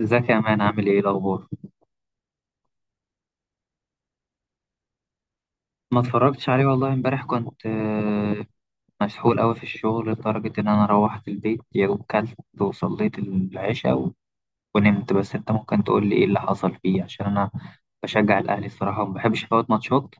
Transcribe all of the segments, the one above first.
ازيك يا مان، عامل ايه الاخبار؟ ما اتفرجتش عليه والله. امبارح كنت مسحول قوي في الشغل لدرجة ان انا روحت البيت يا دوب كلت وصليت العشاء ونمت. بس انت ممكن تقول لي ايه اللي حصل فيه، عشان انا بشجع الاهلي الصراحة وما بحبش افوت ماتشات.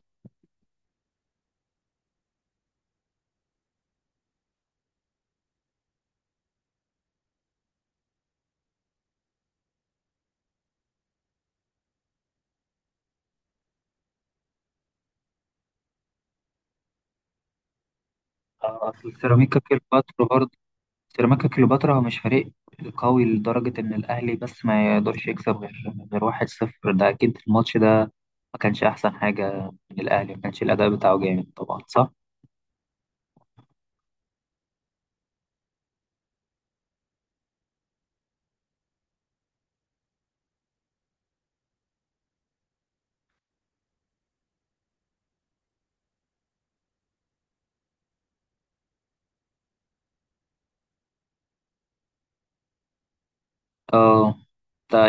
اصل سيراميكا كليوباترا برضه، سيراميكا كليوباترا هو مش فريق قوي لدرجة ان الاهلي بس ما يقدرش يكسب غير 1-0. ده اكيد الماتش ده ما كانش احسن حاجة من الاهلي، ما كانش الاداء بتاعه جامد طبعا، صح؟ اه.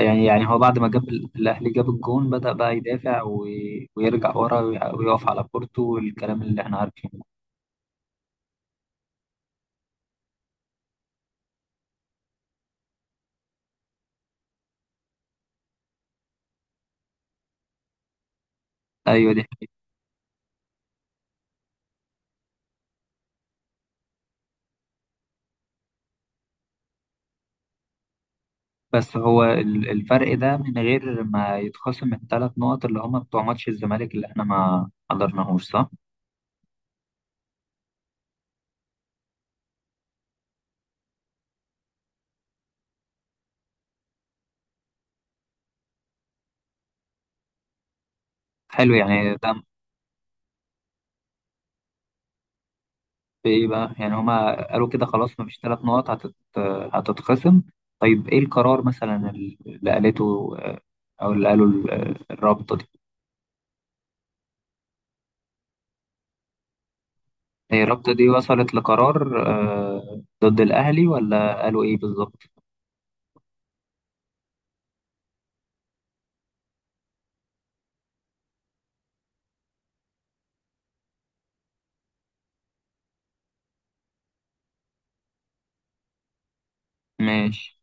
يعني هو بعد ما جاب الأهلي جاب الجون بدأ بقى يدافع ويرجع ورا ويقف على كورته والكلام اللي احنا عارفينه. أيوه دي حقيقة. بس هو الفرق ده من غير ما يتخصم الثلاث نقط اللي هما بتوع ماتش الزمالك اللي احنا ما حضرناهوش، صح؟ حلو يعني ده. بإيه بقى؟ يعني هما قالوا كده خلاص مفيش ثلاث نقط هتتخصم؟ طيب إيه القرار مثلا اللي قالته، أو اللي قالوا الرابطة؟ هي الرابطة دي وصلت لقرار ضد الأهلي، ولا قالوا إيه بالظبط؟ ماشي.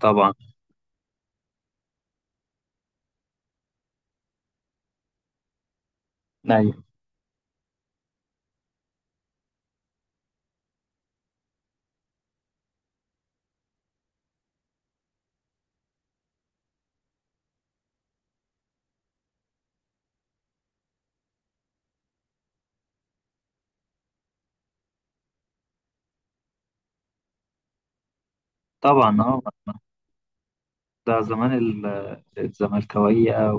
طبعا. أيوة. طبعا، أه. ده زمان الزملكاوية،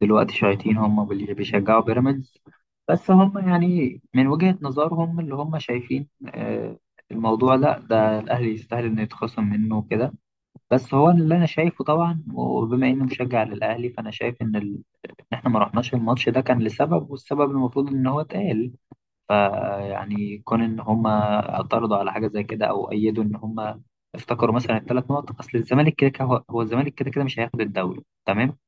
ودلوقتي شياطين، هم اللي بيشجعوا بيراميدز. بس هم يعني من وجهة نظرهم اللي هم شايفين، الموضوع، لا، ده الأهلي يستاهل إنه يتخصم منه وكده. بس هو اللي أنا شايفه طبعا، وبما إني مشجع للأهلي، فأنا شايف إن إن إحنا ما رحناش الماتش ده كان لسبب، والسبب المفروض إن هو اتقال. فيعني كون ان هم اعترضوا على حاجه زي كده او ايدوا ان هم افتكروا مثلا الثلاث نقط، اصل الزمالك كده كده هو الزمالك كده كده مش هياخد الدوري، تمام؟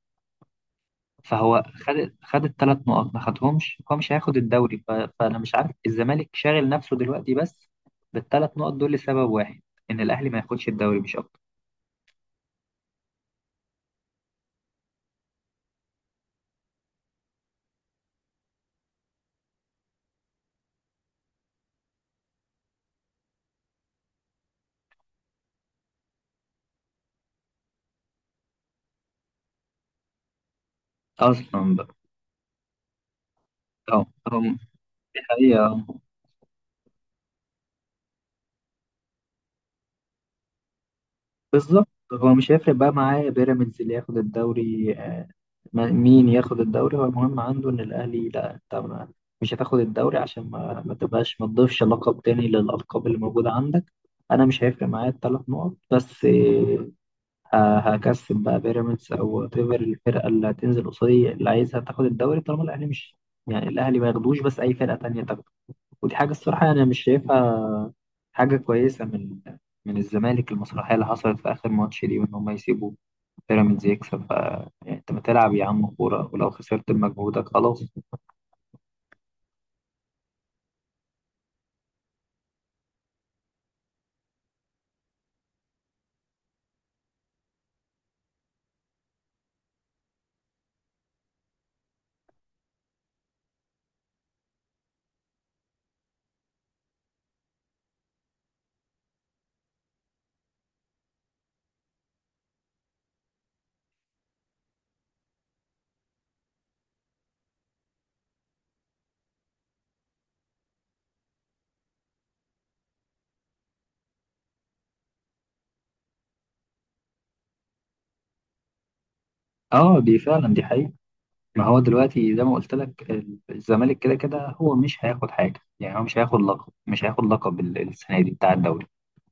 فهو خد الثلاث نقط، ما خدهمش، هو مش هياخد الدوري فانا مش عارف الزمالك شاغل نفسه دلوقتي بس بالثلاث نقط دول لسبب واحد، ان الاهلي ما ياخدش الدوري مش اكتر. اصلا بقى. اه هو، دي حقيقه. بالظبط. هو مش هيفرق بقى معاه بيراميدز اللي ياخد الدوري. مين ياخد الدوري هو المهم عنده، ان الاهلي لا. انت مش هتاخد الدوري عشان ما تبقاش، ما تضيفش لقب تاني للالقاب اللي موجوده عندك. انا مش هيفرق معايا الثلاث نقط، بس هكسب بقى بيراميدز او تيفر الفرقه اللي هتنزل قصادي اللي عايزها تاخد الدوري طالما الاهلي مش، يعني الاهلي ما ياخدوش، بس اي فرقه تانية تاخده. ودي حاجه الصراحه يعني انا مش شايفها حاجه كويسه من الزمالك، المسرحيه اللي حصلت في اخر ماتش دي، وان هم يسيبوا بيراميدز يكسب يعني انت ما تلعب يا عم كورة، ولو خسرت بمجهودك خلاص. اه دي فعلا دي حقيقة. ما هو دلوقتي زي ما قلت لك الزمالك كده كده هو مش هياخد حاجة، يعني هو مش هياخد لقب، مش هياخد لقب السنة دي بتاع الدوري.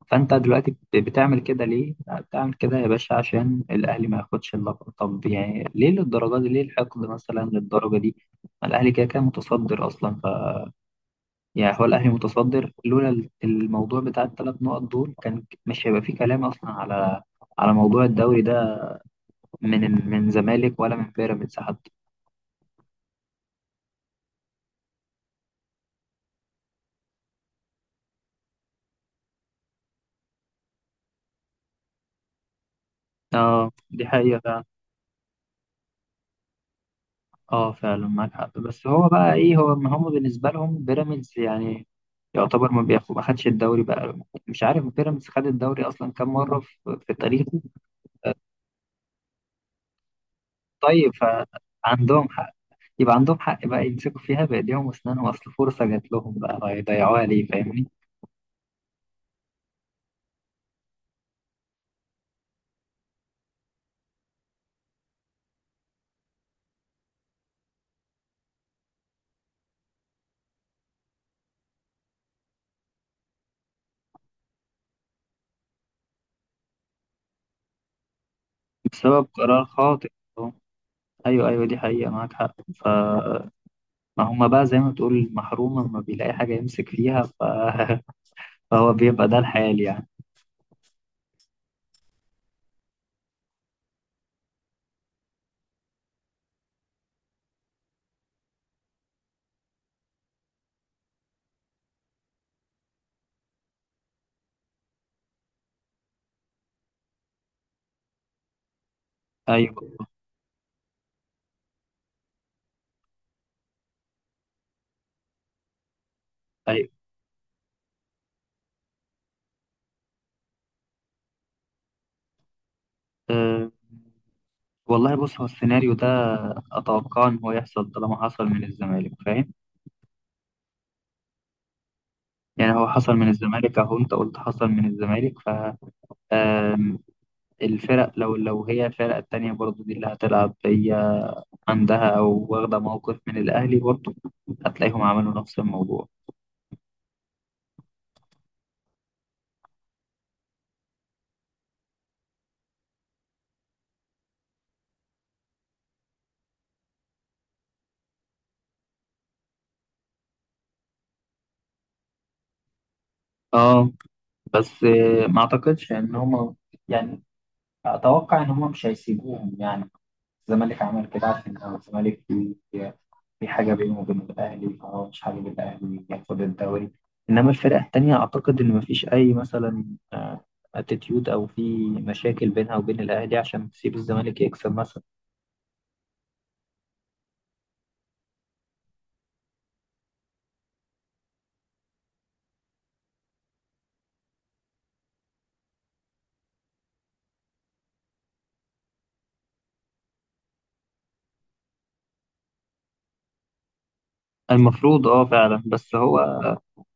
فانت دلوقتي بتعمل كده ليه؟ لا، بتعمل كده يا باشا عشان الاهلي ما ياخدش اللقب. طب يعني ليه للدرجة دي؟ ليه الحقد مثلا للدرجة دي؟ ما الاهلي كده كده متصدر اصلا، يعني هو الأهلي متصدر. لولا الموضوع بتاع الثلاث نقط دول كان مش هيبقى فيه كلام أصلا على موضوع الدوري ده من زمالك ولا من بيراميدز حتى. اه دي حقيقة فعلا. اه فعلا، معاك حق. بس هو بقى ايه؟ هو ما هم بالنسبة لهم بيراميدز يعني يعتبر ما خدش الدوري بقى. مش عارف بيراميدز خد الدوري أصلا كام مرة في تاريخه. طيب فعندهم حق، يبقى عندهم حق بقى يمسكوا فيها بإيديهم وأسنانهم، أصل فرصة جات لهم، بقى هيضيعوها ليه؟ فاهمني؟ بسبب قرار خاطئ. أهو. ايوه ايوه، دي حقيقة معاك حق. فما هما بقى زي ما تقول محروم لما بيلاقي حاجة يمسك فيها فهو بيبقى ده الحال يعني. ايوه ايوه. أه... والله بص، هو السيناريو ده اتوقع ان هو يحصل طالما حصل من الزمالك، فاهم؟ يعني هو حصل من الزمالك، اهو انت قلت حصل من الزمالك آم، الفرق، لو هي الفرق التانية برضو دي اللي هتلعب هي عندها او واخدة موقف من الاهلي برضو، هتلاقيهم عملوا نفس الموضوع. اه. بس ما اعتقدش ان هم، يعني اتوقع ان هم مش هيسيبوهم يعني. الزمالك عمل كده عشان لو الزمالك في حاجه بينه وبين الاهلي، فهو مش حابب الاهلي ياخد الدوري. انما الفرق التانية اعتقد ان مفيش اي مثلا اتيتيود او في مشاكل بينها وبين الاهلي عشان تسيب الزمالك يكسب مثلا. المفروض، اه فعلا. بس هو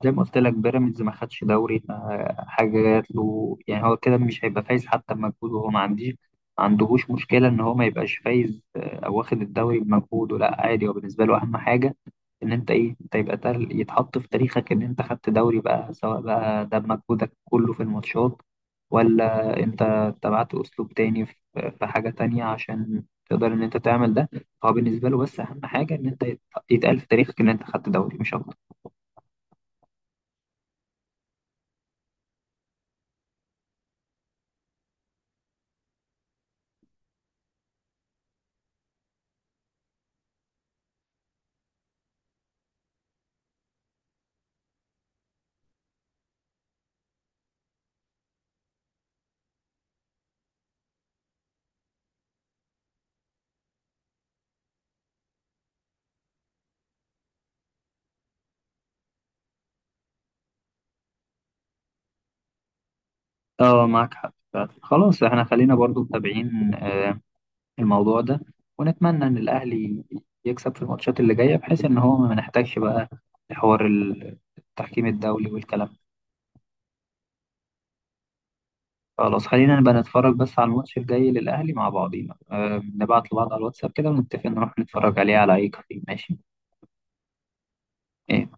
زي ما قلت لك بيراميدز ما خدش دوري، فحاجه جات له يعني، هو كده مش هيبقى فايز حتى بمجهوده. هو ما عندهوش مشكله ان هو ما يبقاش فايز او واخد الدوري بمجهوده، لا عادي. هو بالنسبه له اهم حاجه ان انت، ايه، انت يبقى يتحط في تاريخك ان انت خدت دوري بقى، سواء بقى ده بمجهودك كله في الماتشات ولا انت اتبعت اسلوب تاني في حاجه تانية عشان تقدر ان انت تعمل ده. هو بالنسبه له بس اهم حاجه ان انت يتقال في تاريخك ان انت خدت دوري، مش اكتر. اه معاك حق فعلا. خلاص احنا خلينا برضو متابعين الموضوع ده، ونتمنى ان الاهلي يكسب في الماتشات اللي جايه، بحيث ان هو ما نحتاجش بقى لحوار التحكيم الدولي والكلام ده. خلاص خلينا نبقى نتفرج بس على الماتش الجاي للاهلي مع بعضينا، نبعت لبعض على الواتساب كده ونتفق نروح نتفرج عليه على اي كافيه، ماشي؟ إيه،